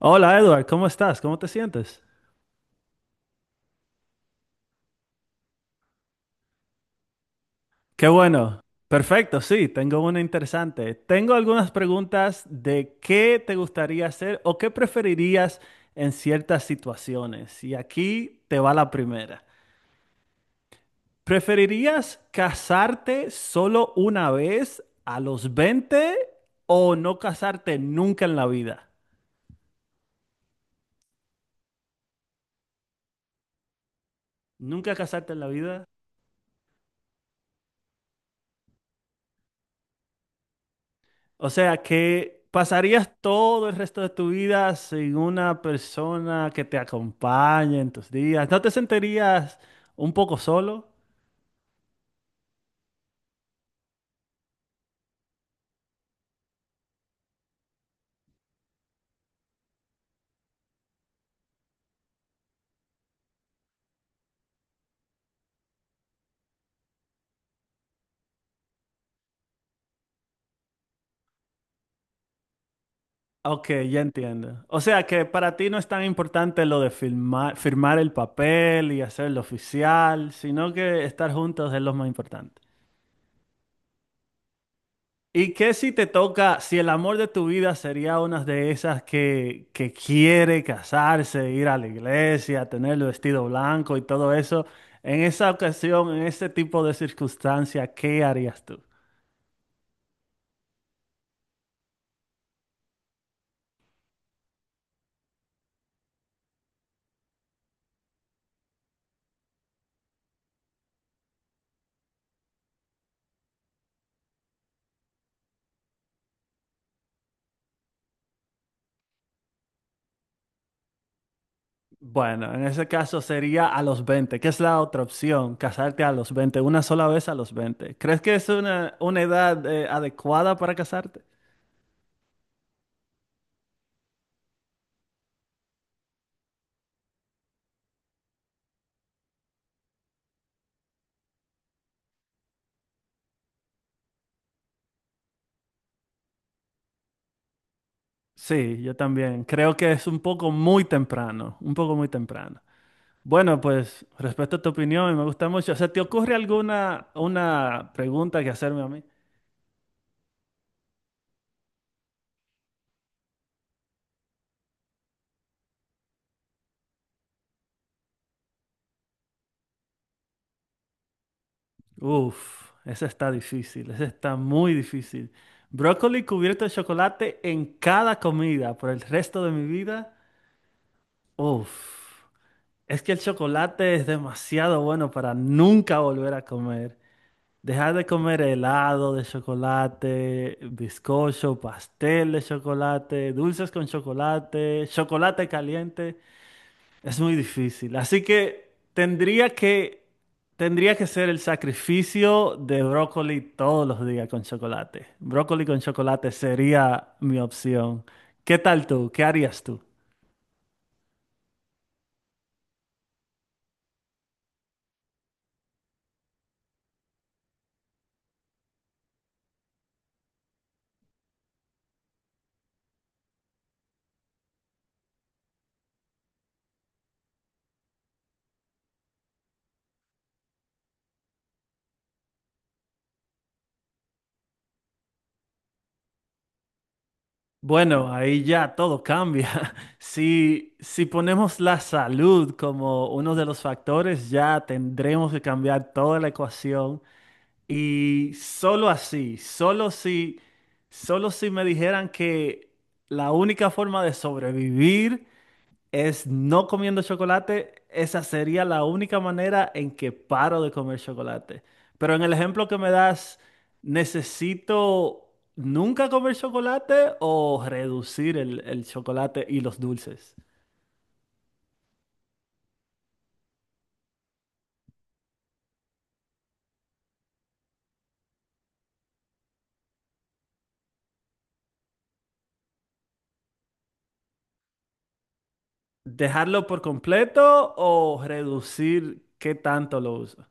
Hola Edward, ¿cómo estás? ¿Cómo te sientes? Qué bueno. Perfecto, sí, tengo una interesante. Tengo algunas preguntas de qué te gustaría hacer o qué preferirías en ciertas situaciones. Y aquí te va la primera. ¿Preferirías casarte solo una vez a los 20 o no casarte nunca en la vida? ¿Nunca casarte en la vida? O sea que pasarías todo el resto de tu vida sin una persona que te acompañe en tus días. ¿No te sentirías un poco solo? Ok, ya entiendo. O sea que para ti no es tan importante lo de firmar, firmar el papel y hacerlo oficial, sino que estar juntos es lo más importante. ¿Y qué si te toca, si el amor de tu vida sería una de esas que quiere casarse, ir a la iglesia, tener el vestido blanco y todo eso? En esa ocasión, en ese tipo de circunstancia, ¿qué harías tú? Bueno, en ese caso sería a los 20, que es la otra opción, casarte a los 20, una sola vez a los 20. ¿Crees que es una edad adecuada para casarte? Sí, yo también. Creo que es un poco muy temprano, un poco muy temprano. Bueno, pues respecto a tu opinión, me gusta mucho. O sea, ¿te ocurre alguna una pregunta que hacerme a mí? Uf, esa está difícil, esa está muy difícil. ¿Brócoli cubierto de chocolate en cada comida por el resto de mi vida? Uf, es que el chocolate es demasiado bueno para nunca volver a comer. Dejar de comer helado de chocolate, bizcocho, pastel de chocolate, dulces con chocolate, chocolate caliente. Es muy difícil. Así que tendría que ser el sacrificio de brócoli todos los días con chocolate. Brócoli con chocolate sería mi opción. ¿Qué tal tú? ¿Qué harías tú? Bueno, ahí ya todo cambia. Si ponemos la salud como uno de los factores, ya tendremos que cambiar toda la ecuación. Y solo si me dijeran que la única forma de sobrevivir es no comiendo chocolate, esa sería la única manera en que paro de comer chocolate. Pero en el ejemplo que me das, ¿necesito nunca comer chocolate o reducir el chocolate y los dulces? ¿Dejarlo por completo o reducir qué tanto lo uso?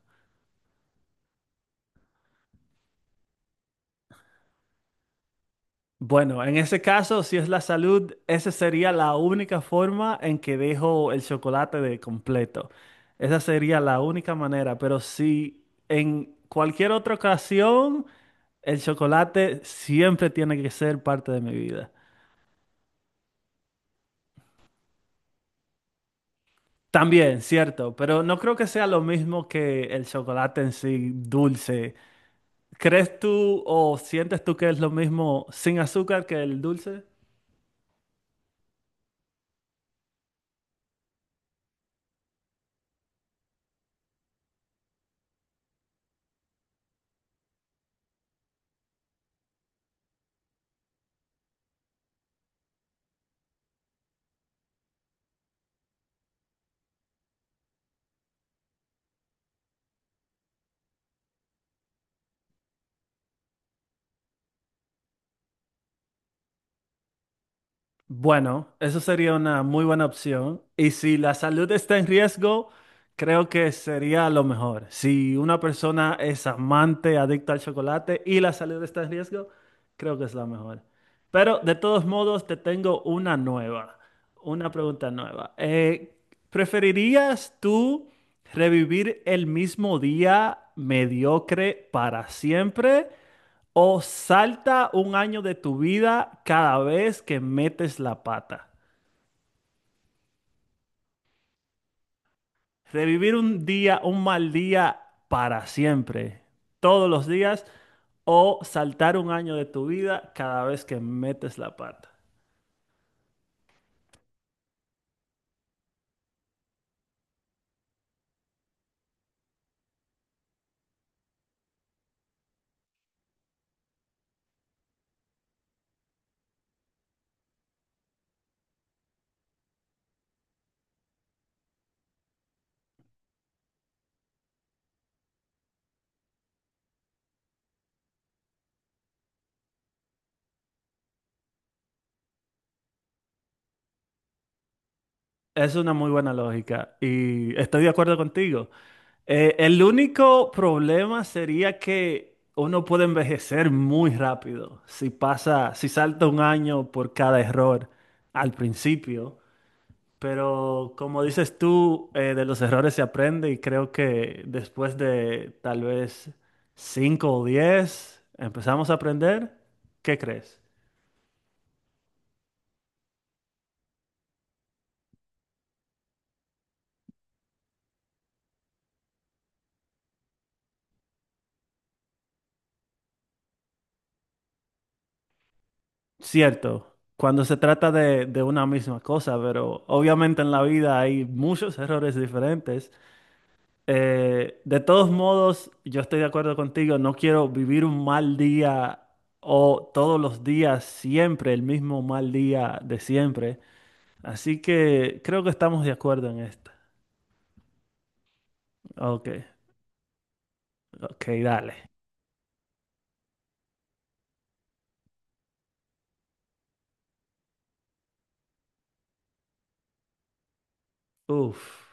Bueno, en ese caso, si es la salud, esa sería la única forma en que dejo el chocolate de completo. Esa sería la única manera, pero si en cualquier otra ocasión, el chocolate siempre tiene que ser parte de mi vida. También, cierto, pero no creo que sea lo mismo que el chocolate en sí dulce. ¿Crees tú o sientes tú que es lo mismo sin azúcar que el dulce? Bueno, eso sería una muy buena opción. Y si la salud está en riesgo, creo que sería lo mejor. Si una persona es amante, adicta al chocolate y la salud está en riesgo, creo que es la mejor. Pero de todos modos, te tengo una pregunta nueva. ¿Preferirías tú revivir el mismo día mediocre para siempre? O salta un año de tu vida cada vez que metes la pata. Revivir un mal día para siempre, todos los días. O saltar un año de tu vida cada vez que metes la pata. Es una muy buena lógica y estoy de acuerdo contigo. El único problema sería que uno puede envejecer muy rápido si si salta un año por cada error al principio. Pero como dices tú, de los errores se aprende y creo que después de tal vez 5 o 10 empezamos a aprender. ¿Qué crees? Cierto, cuando se trata de una misma cosa, pero obviamente en la vida hay muchos errores diferentes. De todos modos, yo estoy de acuerdo contigo, no quiero vivir un mal día o todos los días siempre el mismo mal día de siempre. Así que creo que estamos de acuerdo en esta. Ok, ok, dale. Uf.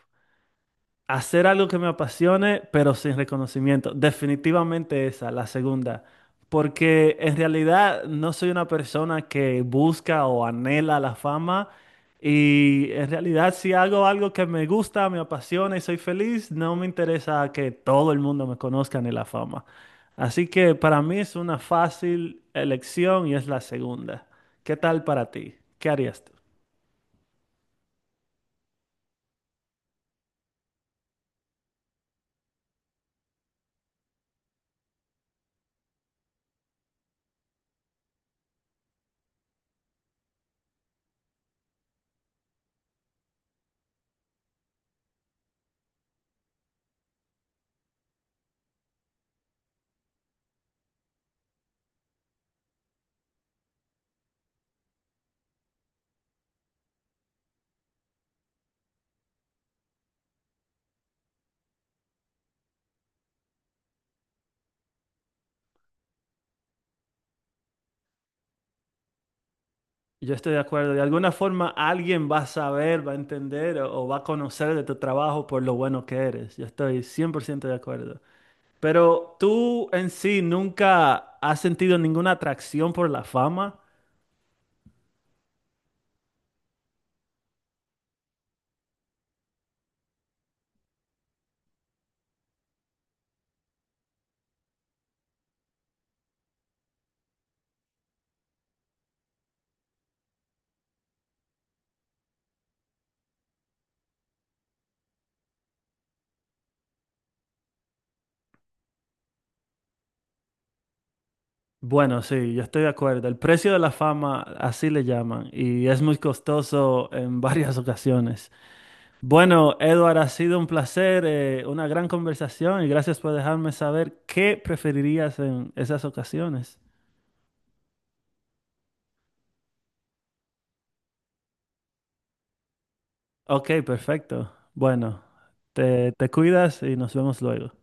Hacer algo que me apasione, pero sin reconocimiento. Definitivamente esa, la segunda. Porque en realidad no soy una persona que busca o anhela la fama. Y en realidad si hago algo que me gusta, me apasiona y soy feliz, no me interesa que todo el mundo me conozca ni la fama. Así que para mí es una fácil elección y es la segunda. ¿Qué tal para ti? ¿Qué harías tú? Yo estoy de acuerdo. De alguna forma alguien va a saber, va a entender o va a conocer de tu trabajo por lo bueno que eres. Yo estoy 100% de acuerdo. Pero tú en sí nunca has sentido ninguna atracción por la fama. Bueno, sí, yo estoy de acuerdo. El precio de la fama, así le llaman, y es muy costoso en varias ocasiones. Bueno, Edward, ha sido un placer, una gran conversación y gracias por dejarme saber qué preferirías en esas ocasiones. Ok, perfecto. Bueno, te cuidas y nos vemos luego.